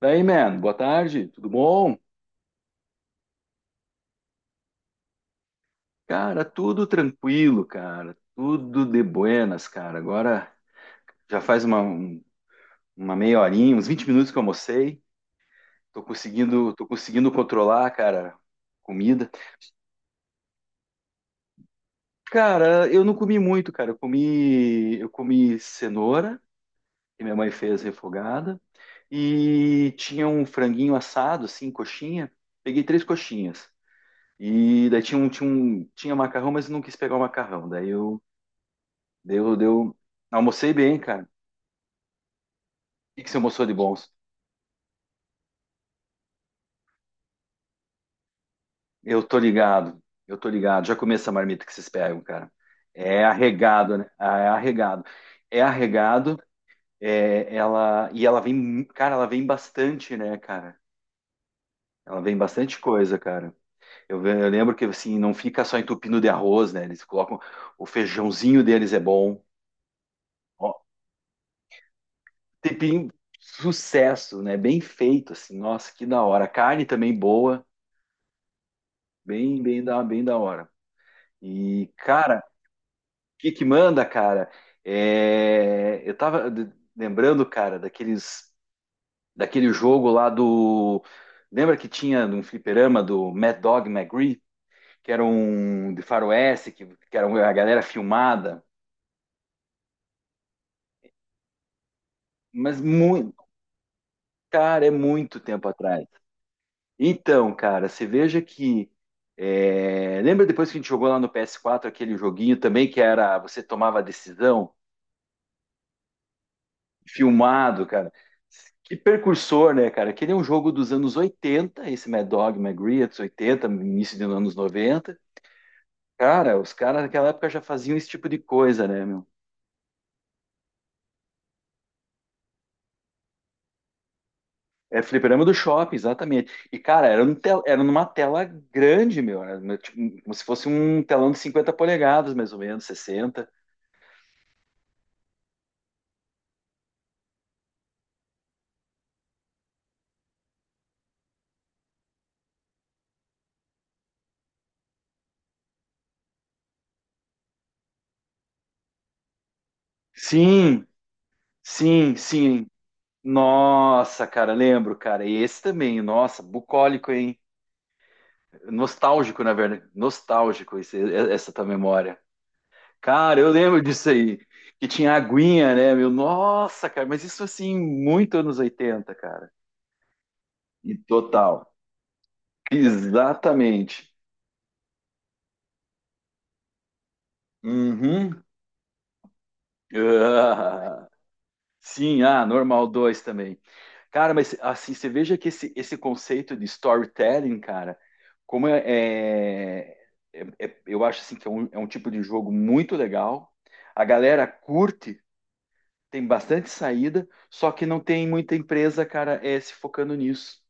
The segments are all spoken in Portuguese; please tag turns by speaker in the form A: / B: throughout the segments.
A: Daí, man, boa tarde, tudo bom? Cara, tudo tranquilo, cara, tudo de buenas, cara. Agora já faz uma meia horinha, uns 20 minutos que eu almocei, tô conseguindo controlar, cara, comida. Cara, eu não comi muito, cara, eu comi cenoura, que minha mãe fez refogada, e tinha um franguinho assado, assim, coxinha, peguei três coxinhas. E daí tinha macarrão, mas eu não quis pegar o macarrão. Daí eu Deu, deu. Almocei bem, cara. O que que você almoçou de bons? Eu tô ligado, eu tô ligado. Já comi essa marmita que vocês pegam, cara. É arregado, né? Ah, é arregado. É arregado, e ela vem, cara, ela vem bastante, né, cara? Ela vem bastante coisa, cara. Eu lembro que, assim, não fica só entupindo de arroz, né? Eles colocam, o feijãozinho deles é bom. Ó, tempinho, sucesso, né? Bem feito, assim. Nossa, que da hora. A carne também boa, bem da hora. E, cara, o que que manda, cara? É, eu tava lembrando, cara, daquele jogo lá do. Lembra que tinha num fliperama do Mad Dog McGree? Que era um de faroeste, que era a galera filmada. Mas muito. Cara, é muito tempo atrás. Então, cara, você veja que. É, lembra depois que a gente jogou lá no PS4 aquele joguinho também que era você tomava a decisão? Filmado, cara. Que precursor, né, cara? Que ele é um jogo dos anos 80, esse Mad Dog, Mad Grits, 80, início dos anos 90. Cara, os caras naquela época já faziam esse tipo de coisa, né, meu? É fliperama do shopping, exatamente. E, cara, era, era numa tela grande, meu. Era, no- tipo, como se fosse um telão de 50 polegadas, mais ou menos, 60. Sim, sim, sim. Nossa, cara, lembro, cara. E esse também, nossa, bucólico, hein? Nostálgico, na verdade. Essa tua memória. Cara, eu lembro disso aí. Que tinha aguinha, né, meu? Nossa, cara, mas isso assim, muito anos 80, cara. E total. Exatamente. Uhum. Ah, sim, ah, normal 2 também. Cara, mas assim, você veja que esse conceito de storytelling, cara, como é, é- é- é- eu acho assim que é um, tipo de jogo muito legal. A galera curte. Tem bastante saída, só que não tem muita empresa, cara, se focando nisso.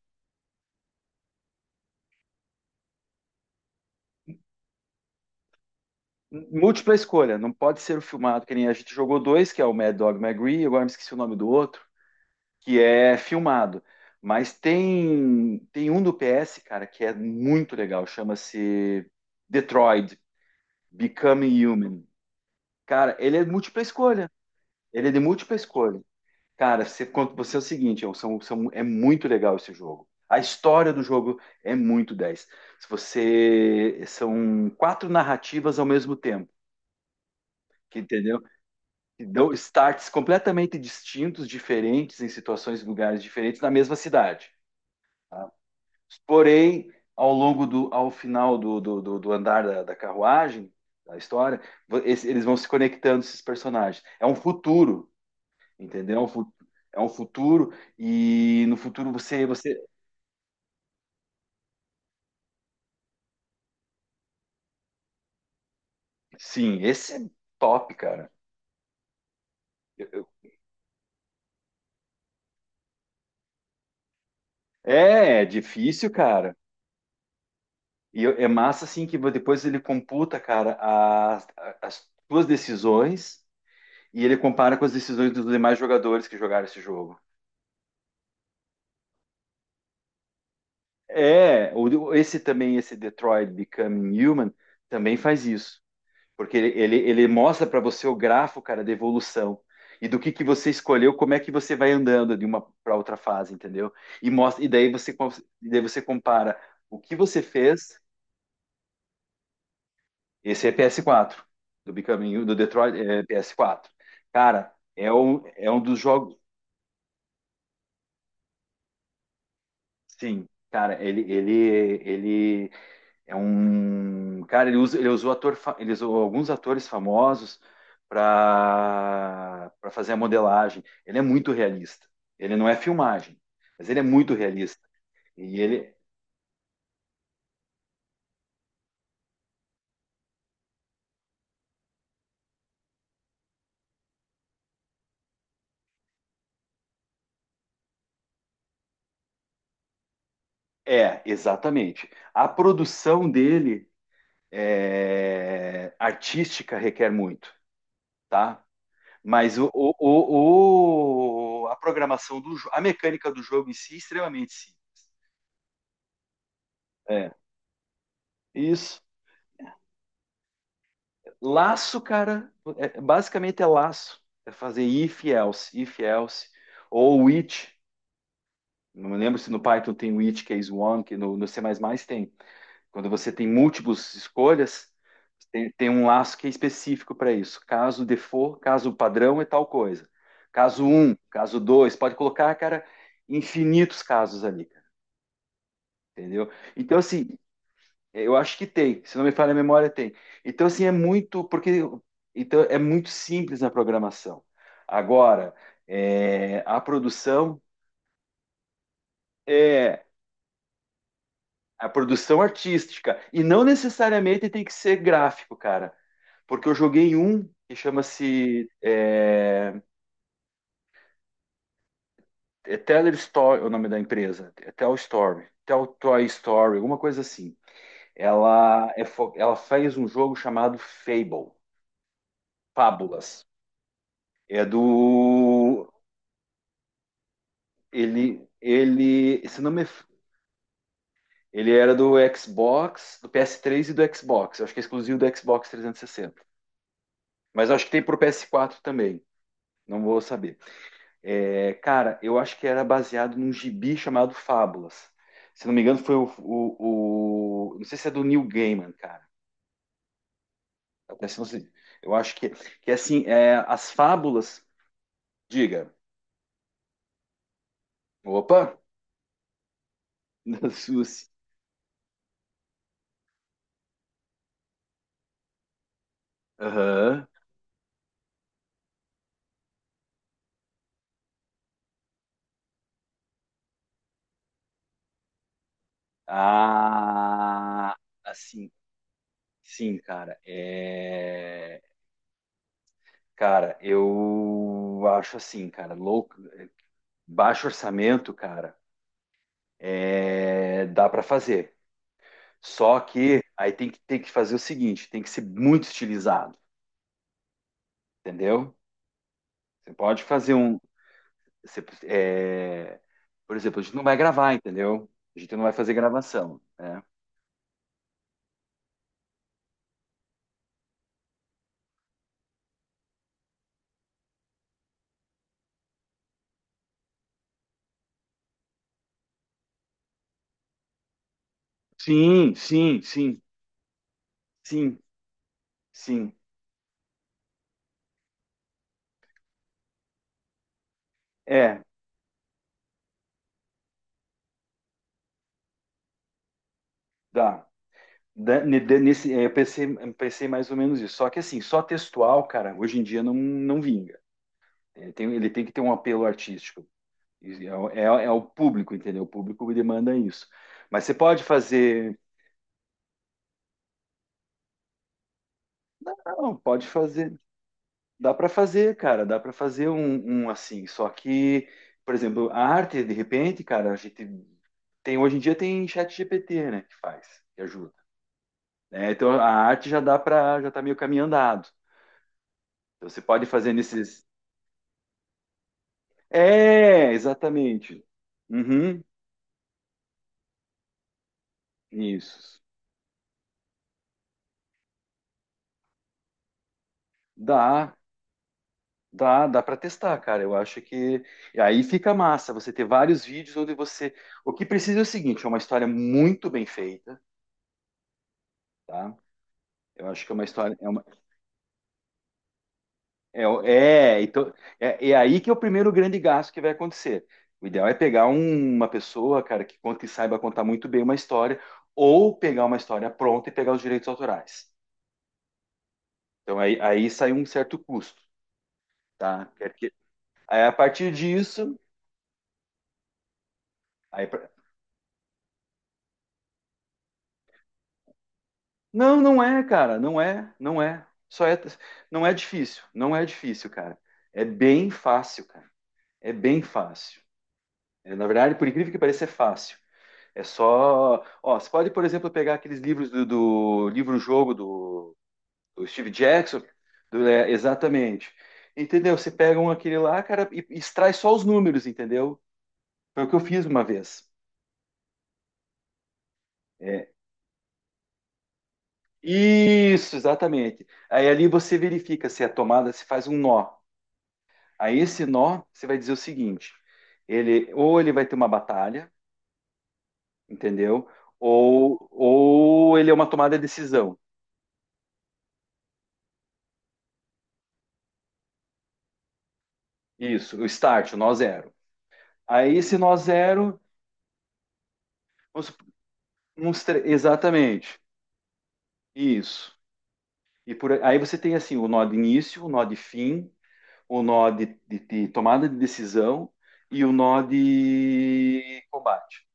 A: Múltipla escolha, não pode ser o filmado, que nem a gente jogou dois, que é o Mad Dog McGree, agora me esqueci o nome do outro, que é filmado. Mas tem um do PS, cara, que é muito legal, chama-se Detroit Becoming Human. Cara, ele é múltipla escolha. Ele é de múltipla escolha. Cara, você é o seguinte, é muito legal esse jogo. A história do jogo é muito 10. Se você são quatro narrativas ao mesmo tempo, que entendeu? Que dão starts completamente distintos, diferentes, em situações e lugares diferentes na mesma cidade. Tá? Porém, ao longo do, ao final do andar da carruagem, da história, eles vão se conectando esses personagens. É um futuro. Entendeu? É um futuro e no futuro você, sim, esse é top, cara. Eu- eu- é difícil, cara. É massa assim que depois ele computa, cara, as tuas decisões e ele compara com as decisões dos demais jogadores que jogaram esse jogo. Esse também, esse Detroit Become Human também faz isso. Porque ele mostra para você o grafo, cara, da evolução. E do que você escolheu, como é que você vai andando de uma para outra fase, entendeu? E mostra, e daí você compara o que você fez. Esse é PS4, do Bicaminho, do Detroit, PS4. Cara, é um dos jogos. Sim, cara, ele. É um cara, ele usa, ele usou ator, ele usou alguns atores famosos para fazer a modelagem. Ele é muito realista. Ele não é filmagem, mas ele é muito realista. E ele é exatamente. A produção dele é, artística requer muito, tá? Mas a mecânica do jogo em si é extremamente simples. É, isso. Laço, cara, basicamente é laço. É fazer if else, if else, ou which. Não me lembro se no Python tem which, case one, que no C++ mais mais tem. Quando você tem múltiplas escolhas, tem um laço que é específico para isso. Caso default, caso padrão é tal coisa. Caso um, caso dois, pode colocar, cara, infinitos casos ali, cara, entendeu? Então, assim, eu acho que tem, se não me falha a memória, tem. Então, assim, é muito, porque então é muito simples na programação. Agora, é, a produção é a produção artística, e não necessariamente tem que ser gráfico, cara, porque eu joguei um que chama-se Teller Story, é o nome da empresa, é Tell Story, Tell Toy Story, alguma coisa assim. Ela fez um jogo chamado Fable, Fábulas. É do. Ele, se não me, ele era do Xbox, do PS3 e do Xbox. Eu acho que é exclusivo do Xbox 360. Mas eu acho que tem pro PS4 também. Não vou saber. É, cara, eu acho que era baseado num gibi chamado Fábulas. Se não me engano, foi o, não sei se é do Neil Gaiman, cara. Eu acho que, que assim, as fábulas, diga. Opa, Suzy. Aham. Ah, assim, sim, cara. É... Cara, eu acho assim, cara, louco, baixo orçamento, cara, dá para fazer. Só que aí tem que, fazer o seguinte, tem que ser muito estilizado, entendeu? Você pode fazer um, você- é, por exemplo, a gente não vai gravar, entendeu? A gente não vai fazer gravação, né? Sim, sim, sim, sim, sim. É, dá. Nesse, eu pensei mais ou menos isso. Só que assim, só textual, cara, hoje em dia não vinga. Ele tem que ter um apelo artístico. E o é o público, entendeu? O público demanda isso. Mas você pode fazer. Não, pode fazer. Dá para fazer, cara. Dá para fazer um assim. Só que, por exemplo, a arte, de repente, cara, a gente tem hoje em dia tem chat GPT, né, que faz, que ajuda. Né? Então a arte já dá para, já tá meio caminho andado. Então, você pode fazer nesses. É, exatamente. Uhum, isso. Dá, dá, dá para testar, cara. Eu acho que e aí fica massa você ter vários vídeos onde você. O que precisa é o seguinte, é uma história muito bem feita, tá? Eu acho que é uma história é uma- é, é, então é aí que é o primeiro grande gasto que vai acontecer. O ideal é pegar uma pessoa, cara, que conta e saiba contar muito bem uma história, ou pegar uma história pronta e pegar os direitos autorais. Então aí sai um certo custo, tá? Aí a partir disso, aí não, não é, cara, não é, não é. Não é difícil, não é difícil, cara. É bem fácil, cara. É bem fácil. É, na verdade, por incrível que pareça, é fácil. É só, ó, você pode, por exemplo, pegar aqueles livros do livro-jogo do Steve Jackson, exatamente. Entendeu? Você pega um aquele lá, cara, e extrai só os números, entendeu? Foi o que eu fiz uma vez. É, isso, exatamente. Aí ali você verifica se a tomada se faz um nó. Aí esse nó, você vai dizer o seguinte: ele ou ele vai ter uma batalha, entendeu? Ou ele é uma tomada de decisão. Isso, o start, o nó zero. Aí esse nó zero, vamos sup- uns tre- exatamente, isso. E por aí você tem assim o nó de início, o nó de fim, o nó de tomada de decisão e o nó de combate.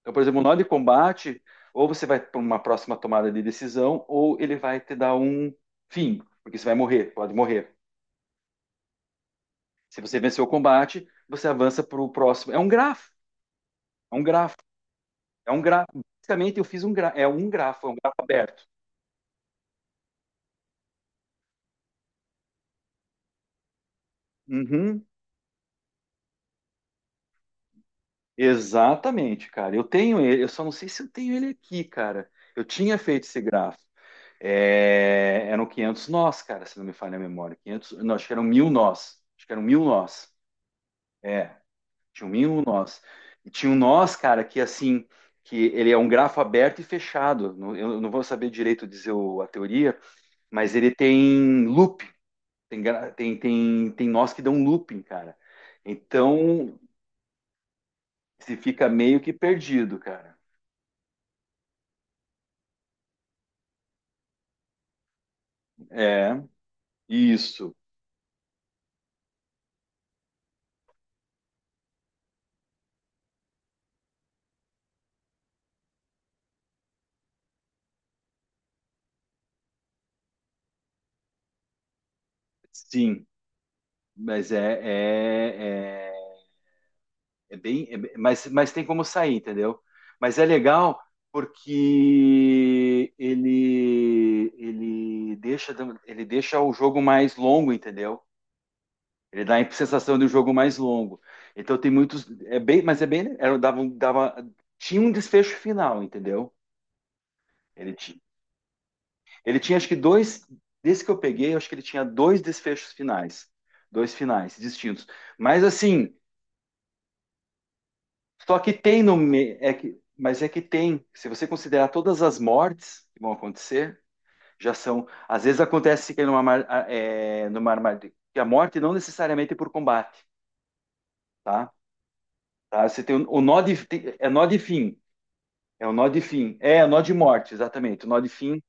A: Então, por exemplo, um nó de combate, ou você vai para uma próxima tomada de decisão, ou ele vai te dar um fim, porque você vai morrer, pode morrer. Se você venceu o combate, você avança para o próximo. É um grafo, é um grafo, é um grafo. Basicamente, eu fiz um grafo, é um grafo aberto. Uhum, exatamente, cara. Eu tenho ele, eu só não sei se eu tenho ele aqui, cara. Eu tinha feito esse grafo. É, eram 500 nós, cara, se não me falha a memória. 500, não, acho que eram mil nós. Acho que eram mil nós. É, tinha um mínimo nós. E tinha um nós, cara, que assim, que ele é um grafo aberto e fechado. Eu não vou saber direito dizer a teoria, mas ele tem loop tem, gra- tem, tem, tem nós que dão looping, cara. Então, se fica meio que perdido, cara. É, isso, sim. Mas é, é mas tem como sair, entendeu? Mas é legal porque ele deixa ele deixa o jogo mais longo, entendeu? Ele dá a sensação de um jogo mais longo. Então tem muitos é bem, mas é bem era dava, um- dava tinha um desfecho final, entendeu? Ele tinha, ele tinha acho que dois desse que eu peguei, eu acho que ele tinha dois desfechos finais, dois finais distintos. Mas assim, Só que tem no me- é que, mas é que tem, se você considerar todas as mortes que vão acontecer, já são, às vezes acontece que é numa armadilha, que a morte não necessariamente é por combate, tá? Tá? Você tem o nó de fim, é o nó de fim, é, é nó de morte, exatamente, o nó de fim,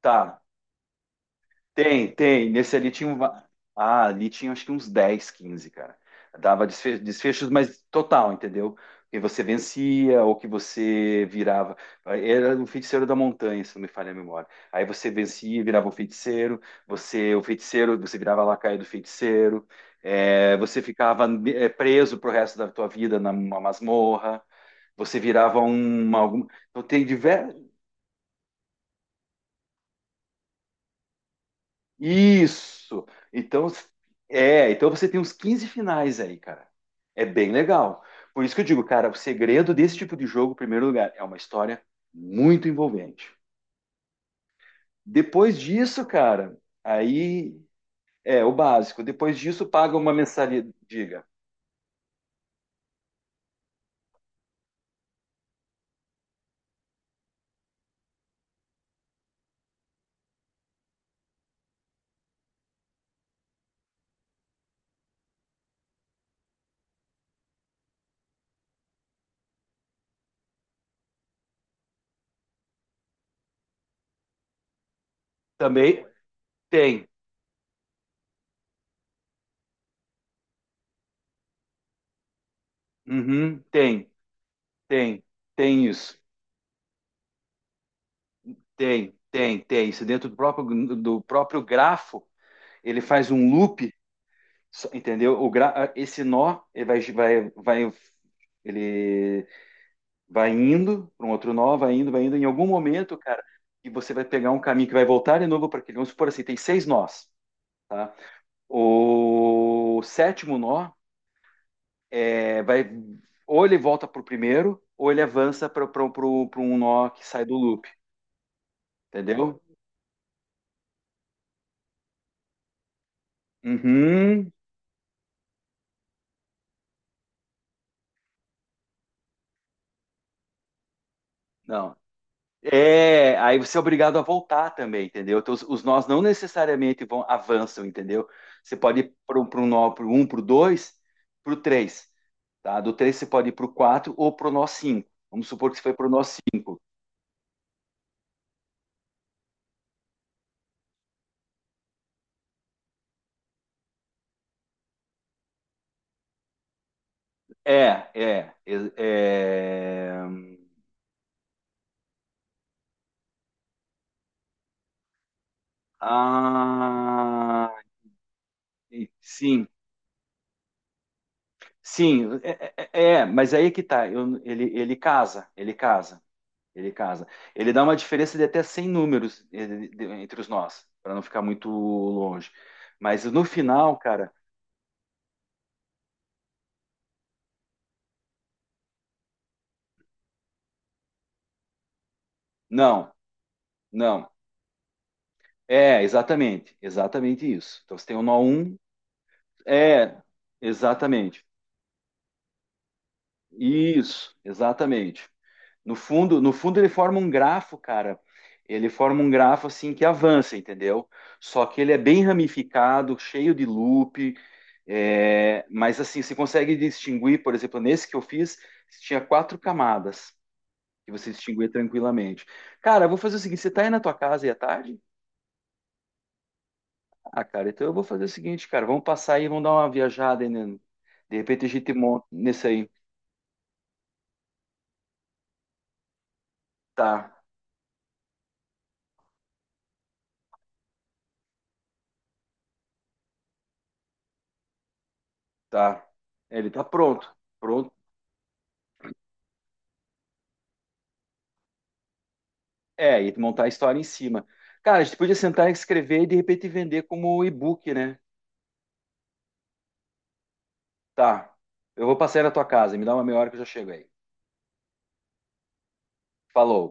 A: tá? Tem, tem. Nesse ali tinha um. Ah, ali tinha acho que uns 10 15 cara. Desfechos, mas total, entendeu? Que você vencia ou que você virava. Era um feiticeiro da montanha, se não me falha a memória. Aí você vencia, virava um feiticeiro. Você, o feiticeiro, você virava a lacaio do feiticeiro. É, você ficava preso pro resto da tua vida numa masmorra. Você virava um. Algum... Então tem diversos. Isso. Então, é, então você tem uns 15 finais aí, cara. É bem legal. Por isso que eu digo, cara, o segredo desse tipo de jogo, em primeiro lugar, é uma história muito envolvente. Depois disso, cara, aí é o básico. Depois disso, paga uma mensalidade. Diga. Também tem. Uhum, tem, tem, tem isso. Tem, tem, tem. Isso dentro do próprio grafo, ele faz um loop Entendeu? O gra... Esse nó vai, ele vai indo para um outro nó, vai indo, vai indo. Em algum momento, cara, e você vai pegar um caminho que vai voltar de novo para aquele. Vamos supor assim, tem seis nós, tá? O sétimo nó é, vai ou ele volta para o primeiro, ou ele avança para um nó que sai do loop, entendeu? Uhum. Não. É, aí você é obrigado a voltar também, entendeu? Então, os nós não necessariamente vão avançam, entendeu? Você pode ir para um nó, para um, para o dois, para o três, tá? Do três você pode ir para o quatro ou para o nó cinco. Vamos supor que você foi para o nó cinco. É, é, é, é... Ah, sim, sim, é, é, é, mas aí é que tá, ele, ele casa, ele casa. Ele casa. Ele dá uma diferença de até 100 números entre os nós, para não ficar muito longe. Mas no final, cara, não, não. É, exatamente, exatamente isso. Então você tem o nó 1, é, exatamente. Isso, exatamente. No fundo, no fundo ele forma um grafo, cara. Ele forma um grafo assim que avança, entendeu? Só que ele é bem ramificado, cheio de loop. É, mas assim, você consegue distinguir, por exemplo, nesse que eu fiz, tinha quatro camadas que você distinguia tranquilamente. Cara, eu vou fazer o seguinte: você tá aí na tua casa e à tarde? Ah, cara, então eu vou fazer o seguinte, cara, vamos passar aí, vamos dar uma viajada aí, né? De repente a gente monta nesse aí. Tá, tá. É, ele tá pronto. Pronto. É, e montar a história em cima. Cara, a gente podia sentar e escrever e de repente vender como e-book, né? Tá. Eu vou passar aí na tua casa, me dá uma meia hora que eu já chego aí. Falou.